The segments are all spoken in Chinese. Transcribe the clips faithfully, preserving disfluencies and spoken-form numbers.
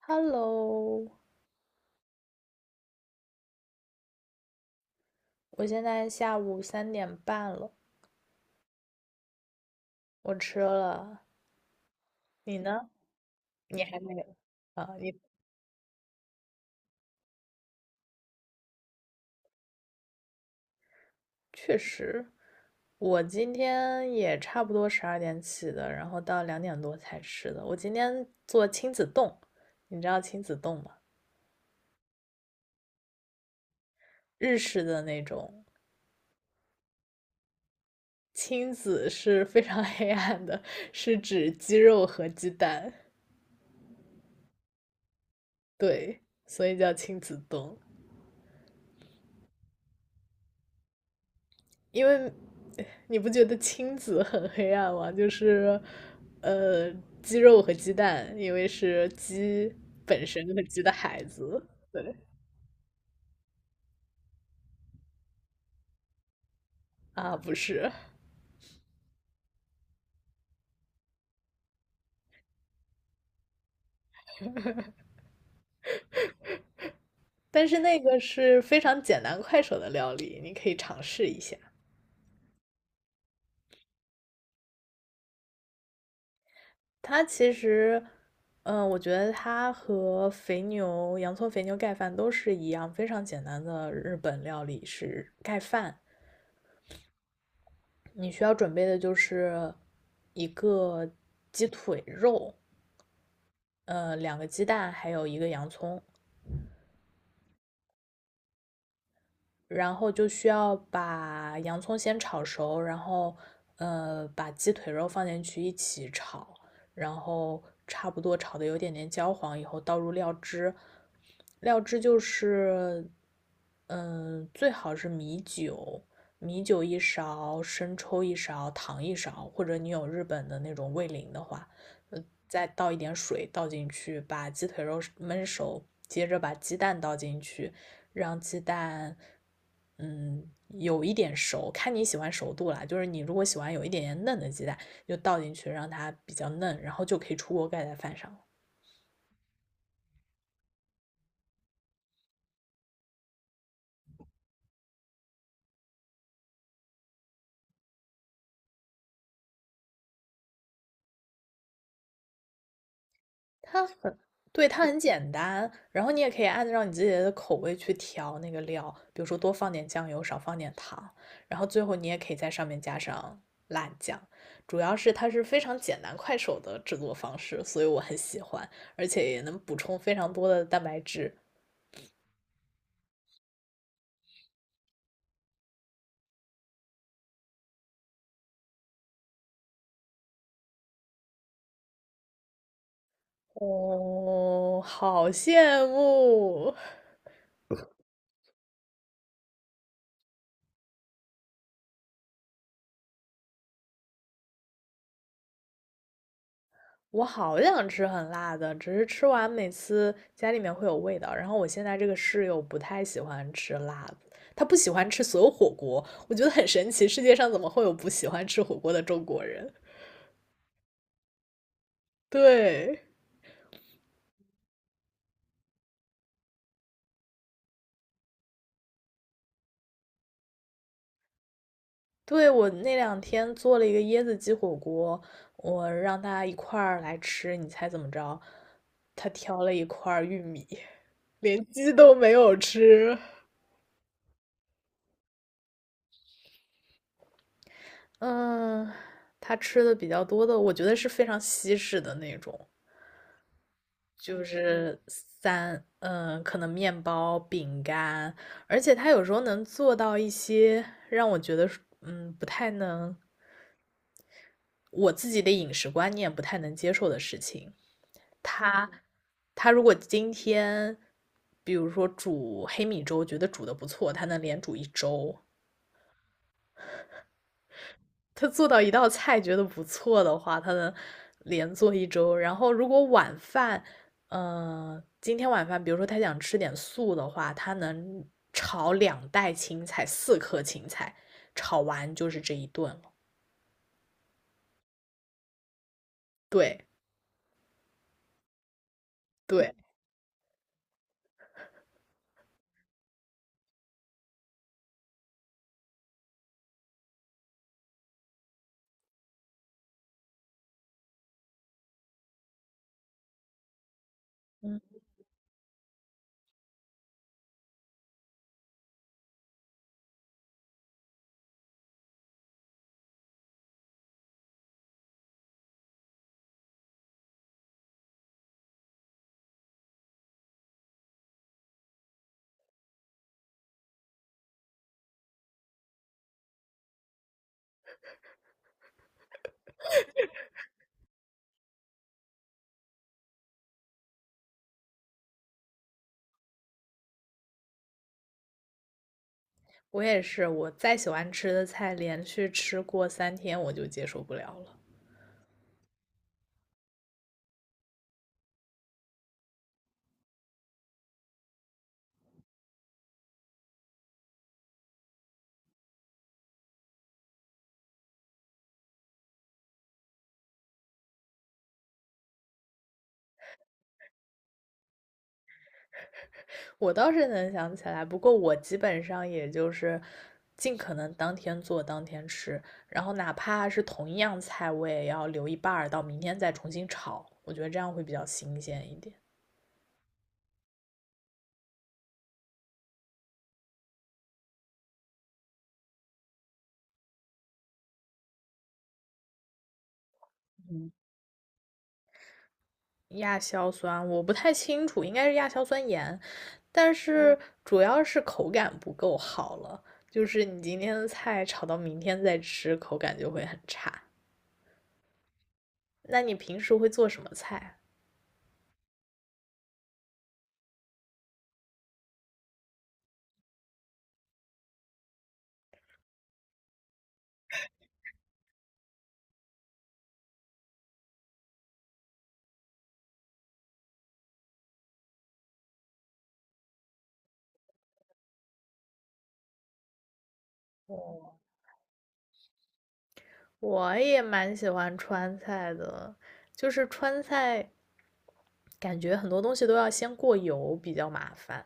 Hello，我现在下午三点半了，我吃了。你呢？你还没有啊？你确实，我今天也差不多十二点起的，然后到两点多才吃的。我今天做亲子冻，你知道亲子冻吗？日式的那种，亲子是非常 黑暗的，是指鸡肉和鸡蛋，对，所以叫亲子冻。因为你不觉得亲子很黑暗吗？就是呃，鸡肉和鸡蛋，因为是鸡本身和鸡的孩子。对啊，不是，但是那个是非常简单快手的料理，你可以尝试一下。它其实，嗯，我觉得它和肥牛、洋葱肥牛盖饭都是一样，非常简单的日本料理是盖饭。你需要准备的就是一个鸡腿肉，呃，两个鸡蛋，还有一个洋葱。然后就需要把洋葱先炒熟，然后呃把鸡腿肉放进去一起炒，然后差不多炒的有点点焦黄以后，倒入料汁，料汁就是嗯、呃最好是米酒，米酒一勺，生抽一勺，糖一勺，或者你有日本的那种味淋的话，呃再倒一点水倒进去，把鸡腿肉焖熟，接着把鸡蛋倒进去，让鸡蛋嗯，有一点熟，看你喜欢熟度啦。就是你如果喜欢有一点点嫩的鸡蛋，就倒进去让它比较嫩，然后就可以出锅盖在饭上了。它很，对，它很简单。然后你也可以按照你自己的口味去调那个料，比如说多放点酱油，少放点糖。然后最后你也可以在上面加上辣酱。主要是它是非常简单快手的制作方式，所以我很喜欢，而且也能补充非常多的蛋白质。哦，好羡慕！我好想吃很辣的，只是吃完每次家里面会有味道。然后我现在这个室友不太喜欢吃辣的，他不喜欢吃所有火锅。我觉得很神奇，世界上怎么会有不喜欢吃火锅的中国人？对，对，我那两天做了一个椰子鸡火锅，我让他一块儿来吃，你猜怎么着？他挑了一块儿玉米，连鸡都没有吃。嗯，他吃的比较多的，我觉得是非常西式的那种，就是三，嗯，可能面包、饼干，而且他有时候能做到一些让我觉得是嗯，不太能，我自己的饮食观念不太能接受的事情。他，他如果今天，比如说煮黑米粥，觉得煮的不错，他能连煮一周。他做到一道菜觉得不错的话，他能连做一周。然后如果晚饭，呃，今天晚饭，比如说他想吃点素的话，他能炒两袋青菜，四颗青菜，炒完就是这一顿了。对对，嗯，我也是，我再喜欢吃的菜，连续吃过三天我就接受不了了。我倒是能想起来，不过我基本上也就是尽可能当天做当天吃，然后哪怕是同一样菜，我也要留一半儿到明天再重新炒，我觉得这样会比较新鲜一点。亚硝酸我不太清楚，应该是亚硝酸盐，但是嗯主要是口感不够好了，就是你今天的菜炒到明天再吃，口感就会很差。那你平时会做什么菜？哦我也蛮喜欢川菜的，就是川菜感觉很多东西都要先过油，比较麻烦。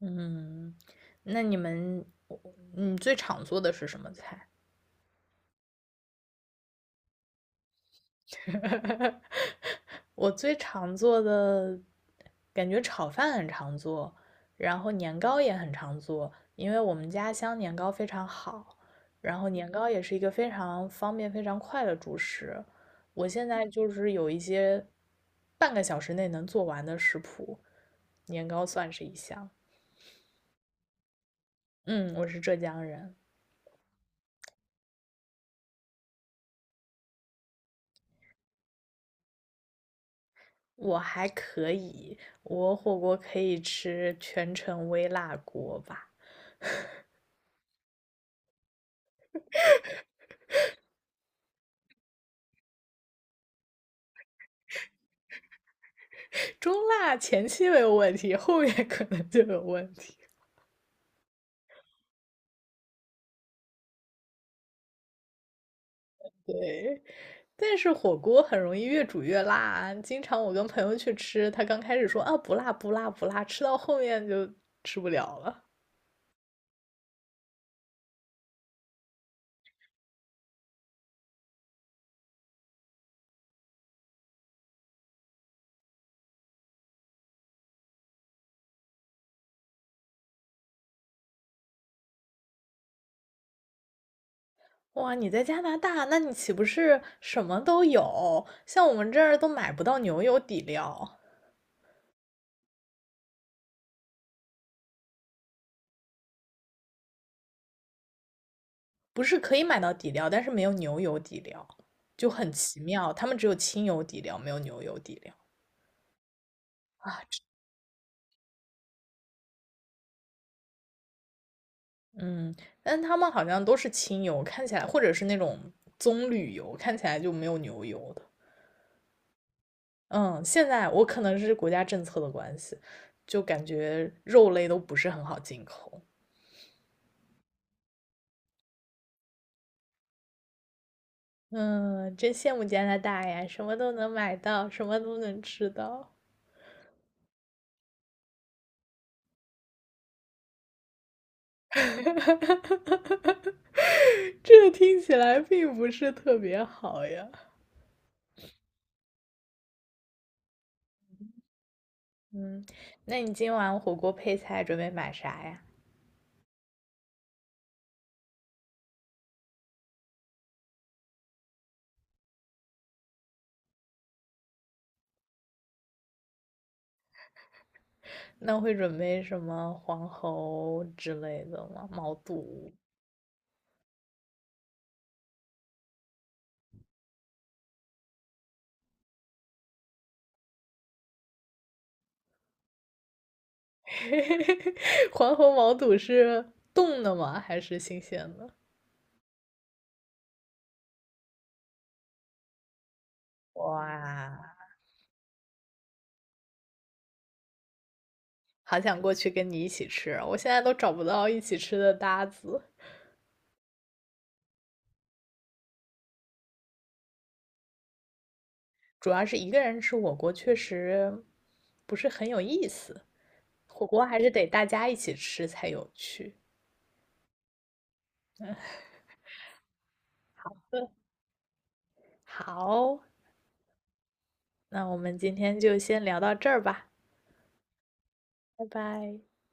嗯，那你们，你最常做的是什么菜？我最常做的感觉炒饭很常做，然后年糕也很常做，因为我们家乡年糕非常好，然后年糕也是一个非常方便、非常快的主食。我现在就是有一些半个小时内能做完的食谱，年糕算是一项。嗯，我是浙江人，我还可以，我火锅可以吃全程微辣锅吧，中辣前期没有问题，后面可能就有问题。对，但是火锅很容易越煮越辣啊。经常我跟朋友去吃，他刚开始说啊不辣不辣不辣，吃到后面就吃不了了。哇，你在加拿大，那你岂不是什么都有？像我们这儿都买不到牛油底料，不是可以买到底料，但是没有牛油底料，就很奇妙。他们只有清油底料，没有牛油底料。啊。嗯，但他们好像都是清油，看起来或者是那种棕榈油，看起来就没有牛油的。嗯，现在我可能是国家政策的关系，就感觉肉类都不是很好进口。嗯，真羡慕加拿大呀，什么都能买到，什么都能吃到。这听起来并不是特别好呀。嗯，那你今晚火锅配菜准备买啥呀？那会准备什么黄喉之类的吗？毛肚？黄喉毛肚是冻的吗？还是新鲜的？哇，好想过去跟你一起吃，我现在都找不到一起吃的搭子。主要是一个人吃火锅确实不是很有意思，火锅还是得大家一起吃才有趣。对，好，那我们今天就先聊到这儿吧，拜拜。